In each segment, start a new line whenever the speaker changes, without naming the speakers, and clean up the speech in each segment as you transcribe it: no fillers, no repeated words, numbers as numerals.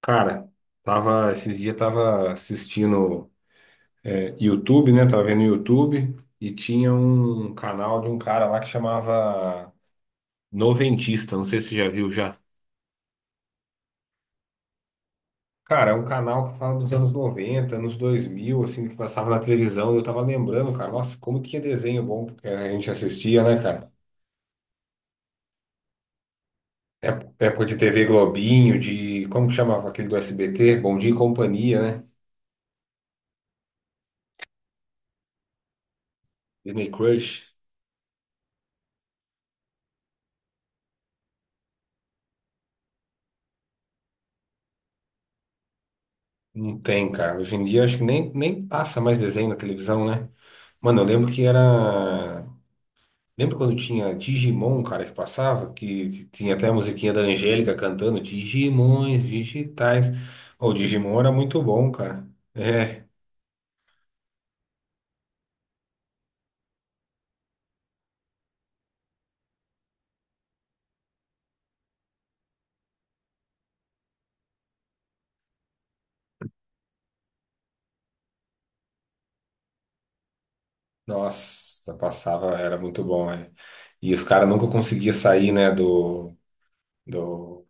Cara, esses dias tava assistindo YouTube, né? Tava vendo YouTube e tinha um canal de um cara lá que chamava Noventista, não sei se você já viu já. Cara, é um canal que fala dos anos 90, anos 2000, assim, que passava na televisão. Eu tava lembrando, cara, nossa, como tinha desenho bom que a gente assistia, né, cara? Época de TV Globinho, como que chamava aquele do SBT? Bom Dia e Companhia, né? Disney Crush. Não tem, cara. Hoje em dia acho que nem passa mais desenho na televisão, né? Mano, eu lembro que era. Lembra quando tinha Digimon, cara, que passava? Que tinha até a musiquinha da Angélica cantando Digimons digitais. Ô, o Digimon era muito bom, cara. É. Nossa, passava, era muito bom, né? E os caras nunca conseguiam sair, né, do,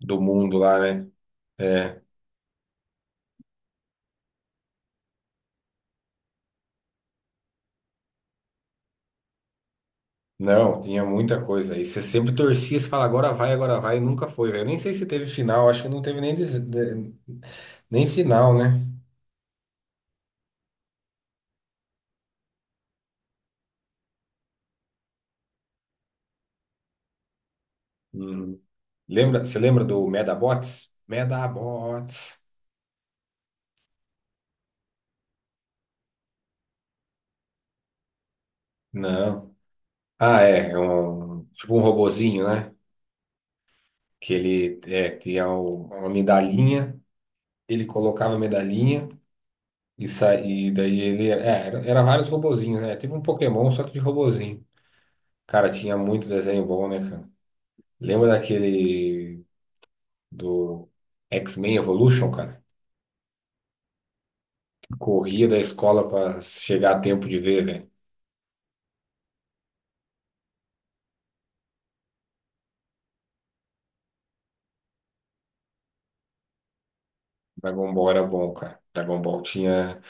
do mundo lá, né? É. Não, tinha muita coisa. E você sempre torcia, você fala, agora vai, e nunca foi, velho. Eu nem sei se teve final, acho que não teve nem, nem final, né? Hum. Lembra, você lembra do Medabots? Medabots. Não. Ah, é um, tipo um robozinho, né? Que ele é, tinha uma medalhinha, ele colocava a medalhinha e daí ele. É, era vários robozinhos, né? Tipo um Pokémon, só que de robozinho. Cara, tinha muito desenho bom, né, cara? Lembra daquele. Do X-Men Evolution, cara. Corria da escola pra chegar a tempo de ver, velho. Dragon Ball era bom, cara. Dragon Ball tinha,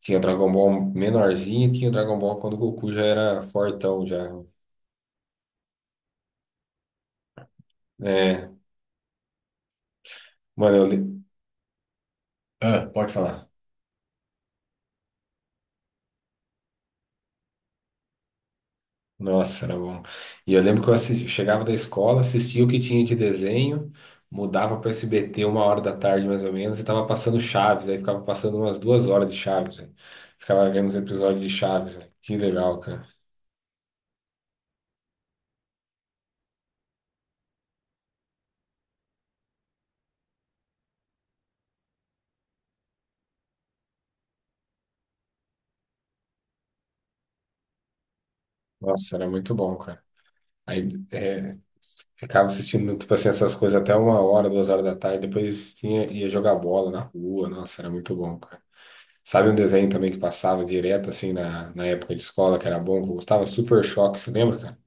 tinha Dragon Ball menorzinho e tinha Dragon Ball quando o Goku já era fortão, já. É, mano, ah, pode falar. Nossa, era bom. E eu lembro que eu assis- chegava da escola, assistia o que tinha de desenho, mudava para SBT 1 hora da tarde mais ou menos e tava passando Chaves, aí ficava passando umas 2 horas de Chaves, velho. Ficava vendo os episódios de Chaves, velho. Que legal, cara. Nossa, era muito bom, cara. Aí é, ficava assistindo, tipo assim, essas coisas até 1 hora, 2 horas da tarde, depois tinha, ia jogar bola na rua. Nossa, era muito bom, cara. Sabe um desenho também que passava direto, assim, na época de escola, que era bom, que eu gostava? Super Choque, você lembra, cara?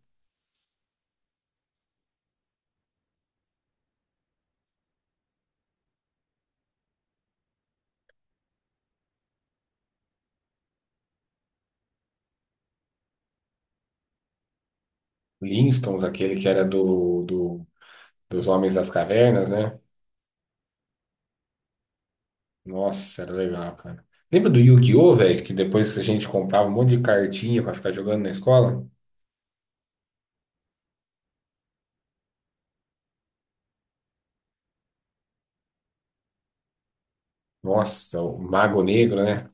Flintstones, aquele que era dos Homens das Cavernas, né? Nossa, era legal, cara. Lembra do Yu-Gi-Oh, velho? Que depois a gente comprava um monte de cartinha pra ficar jogando na escola? Nossa, o Mago Negro, né?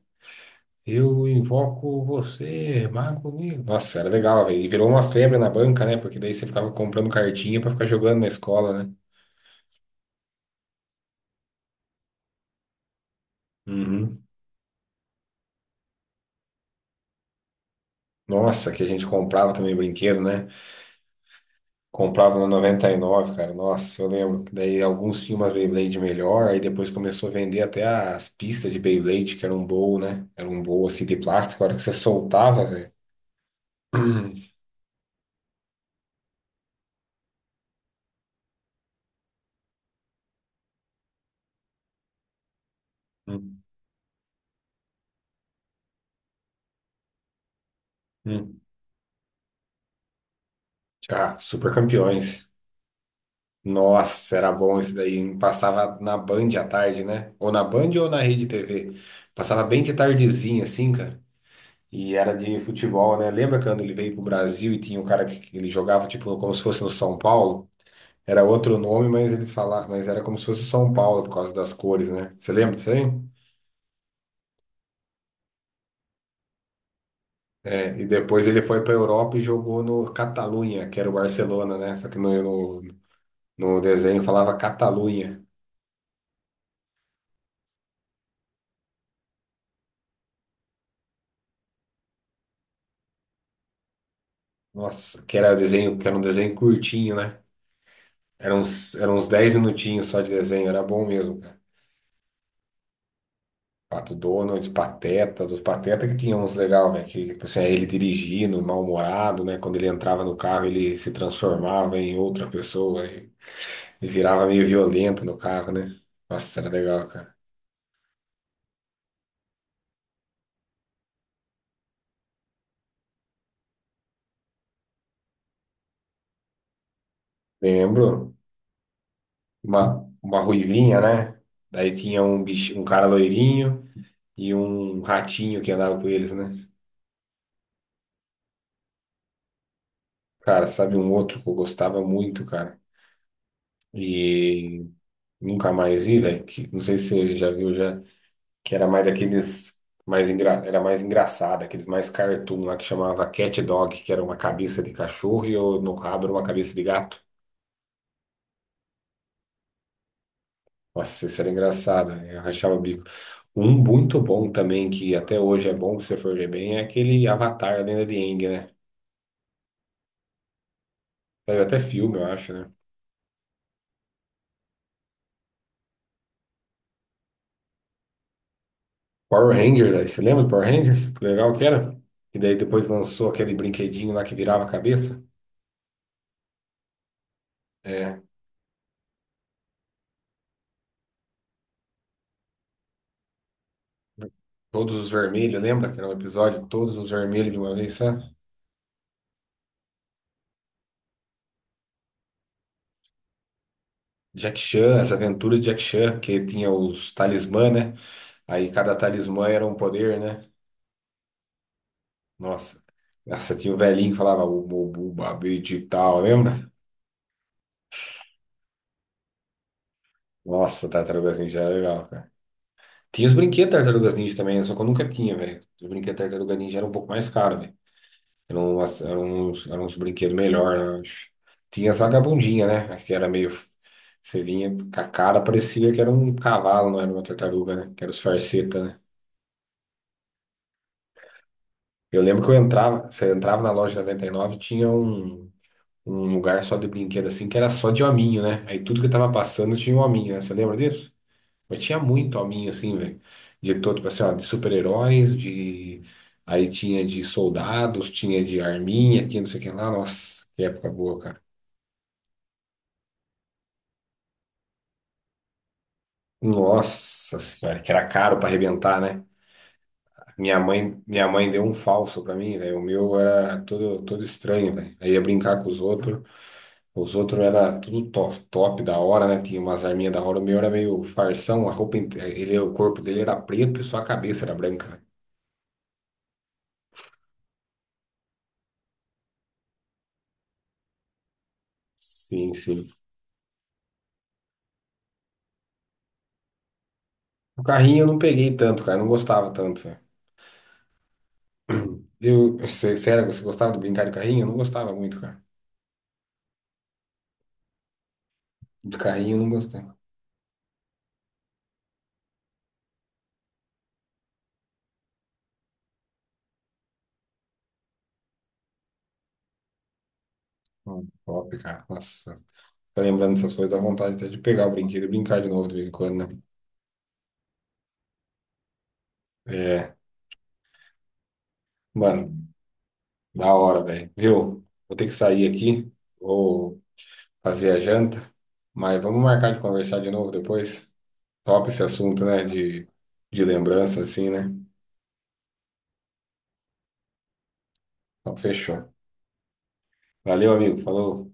Eu invoco você, Mago Negro. Nossa, era legal, velho. E virou uma febre na banca, né? Porque daí você ficava comprando cartinha pra ficar jogando na escola, né? Uhum. Nossa, que a gente comprava também brinquedo, né? Comprava no 99, cara. Nossa, eu lembro que daí alguns tinham umas Beyblade melhor, aí depois começou a vender até as pistas de Beyblade, que era um bowl, né? Era um bowl assim de plástico, a hora que você soltava, velho. Hum, hum. Ah, super campeões. Nossa, era bom isso daí, hein? Passava na Band à tarde, né? Ou na Band ou na Rede TV. Passava bem de tardezinha, assim, cara. E era de futebol, né? Lembra quando ele veio pro Brasil e tinha um cara que ele jogava, tipo, como se fosse no São Paulo? Era outro nome, mas eles falavam, mas era como se fosse o São Paulo por causa das cores, né? Você lembra disso aí? É, e depois ele foi pra Europa e jogou no Catalunha, que era o Barcelona, né? Só que no, no desenho falava Catalunha. Nossa, que era desenho, que era um desenho curtinho, né? Eram uns 10 minutinhos só de desenho, era bom mesmo, cara. Pato Donald, Pateta, dos Pateta que tinha uns legal, velho, que tipo assim, ele dirigindo, mal-humorado, né? Quando ele entrava no carro, ele se transformava em outra pessoa e virava meio violento no carro, né? Nossa, era legal, cara. Lembro, uma ruivinha, né? Daí tinha um bicho, um cara loirinho e um ratinho que andava com eles, né? Cara, sabe um outro que eu gostava muito, cara? E nunca mais vi, velho. Não sei se você já viu já, que era mais daqueles mais era mais engraçado, aqueles mais cartoon lá que chamava Cat Dog, que era uma cabeça de cachorro e eu, no rabo era uma cabeça de gato. Nossa, isso era engraçado, né? Eu rachava o bico. Um muito bom também, que até hoje é bom se você for ver bem, é aquele Avatar, a Lenda de Aang, né? Saiu até filme, eu acho, né? Power Rangers, aí, você lembra do Power Rangers? Que legal que era? E daí depois lançou aquele brinquedinho lá que virava a cabeça. É, Todos os Vermelhos, lembra? Que era um episódio, Todos os Vermelhos de uma vez, sabe? Jack Chan, as aventuras de Jack Chan, que tinha os talismã, né? Aí cada talismã era um poder, né? Nossa, nossa, tinha o velhinho que falava o Mobu Babidi e tal, lembra? Nossa, Tartarugas Ninja era legal, cara. Tinha os brinquedos Tartarugas Ninja também, só que eu nunca tinha, velho. Os brinquedos Tartarugas Ninja eram um pouco mais caros. Era uns brinquedos melhor, eu acho. Tinha as vagabundinhas, né? Que era meio. Você vinha com a cara, parecia que era um cavalo, não era uma tartaruga, né? Que era os farsetas, né? Eu lembro que eu entrava, você entrava na loja 99 tinha um lugar só de brinquedo assim, que era só de hominho, né? Aí tudo que tava passando tinha um hominho, né? Você lembra disso? Mas tinha muito hominho assim, velho. De todo, tipo assim, ó, de super-heróis, de. Aí tinha de soldados, tinha de arminha, tinha não sei o que lá. Nossa, que época boa. Nossa senhora, que era caro para arrebentar, né? Minha mãe deu um falso para mim, velho. O meu era todo, todo estranho, velho. Aí ia brincar com os outros. Os outros era tudo top, top da hora, né? Tinha umas arminhas da hora. O meu era meio farsão, a roupa, ele, o corpo dele era preto e só a cabeça era branca, né? Sim, sim. O carrinho eu não peguei tanto, cara. Eu não gostava tanto, velho. Sério, você gostava de brincar de carrinho? Eu não gostava muito, cara. De carrinho eu não gostava. Top, cara. Nossa, tá lembrando essas coisas, dá vontade até de pegar o brinquedo e brincar de novo de vez em quando, né? É, mano, da hora, velho. Viu? Vou ter que sair aqui, vou fazer a janta, mas vamos marcar de conversar de novo depois. Top esse assunto, né? De lembrança, assim, né? Então, fechou. Valeu, amigo. Falou.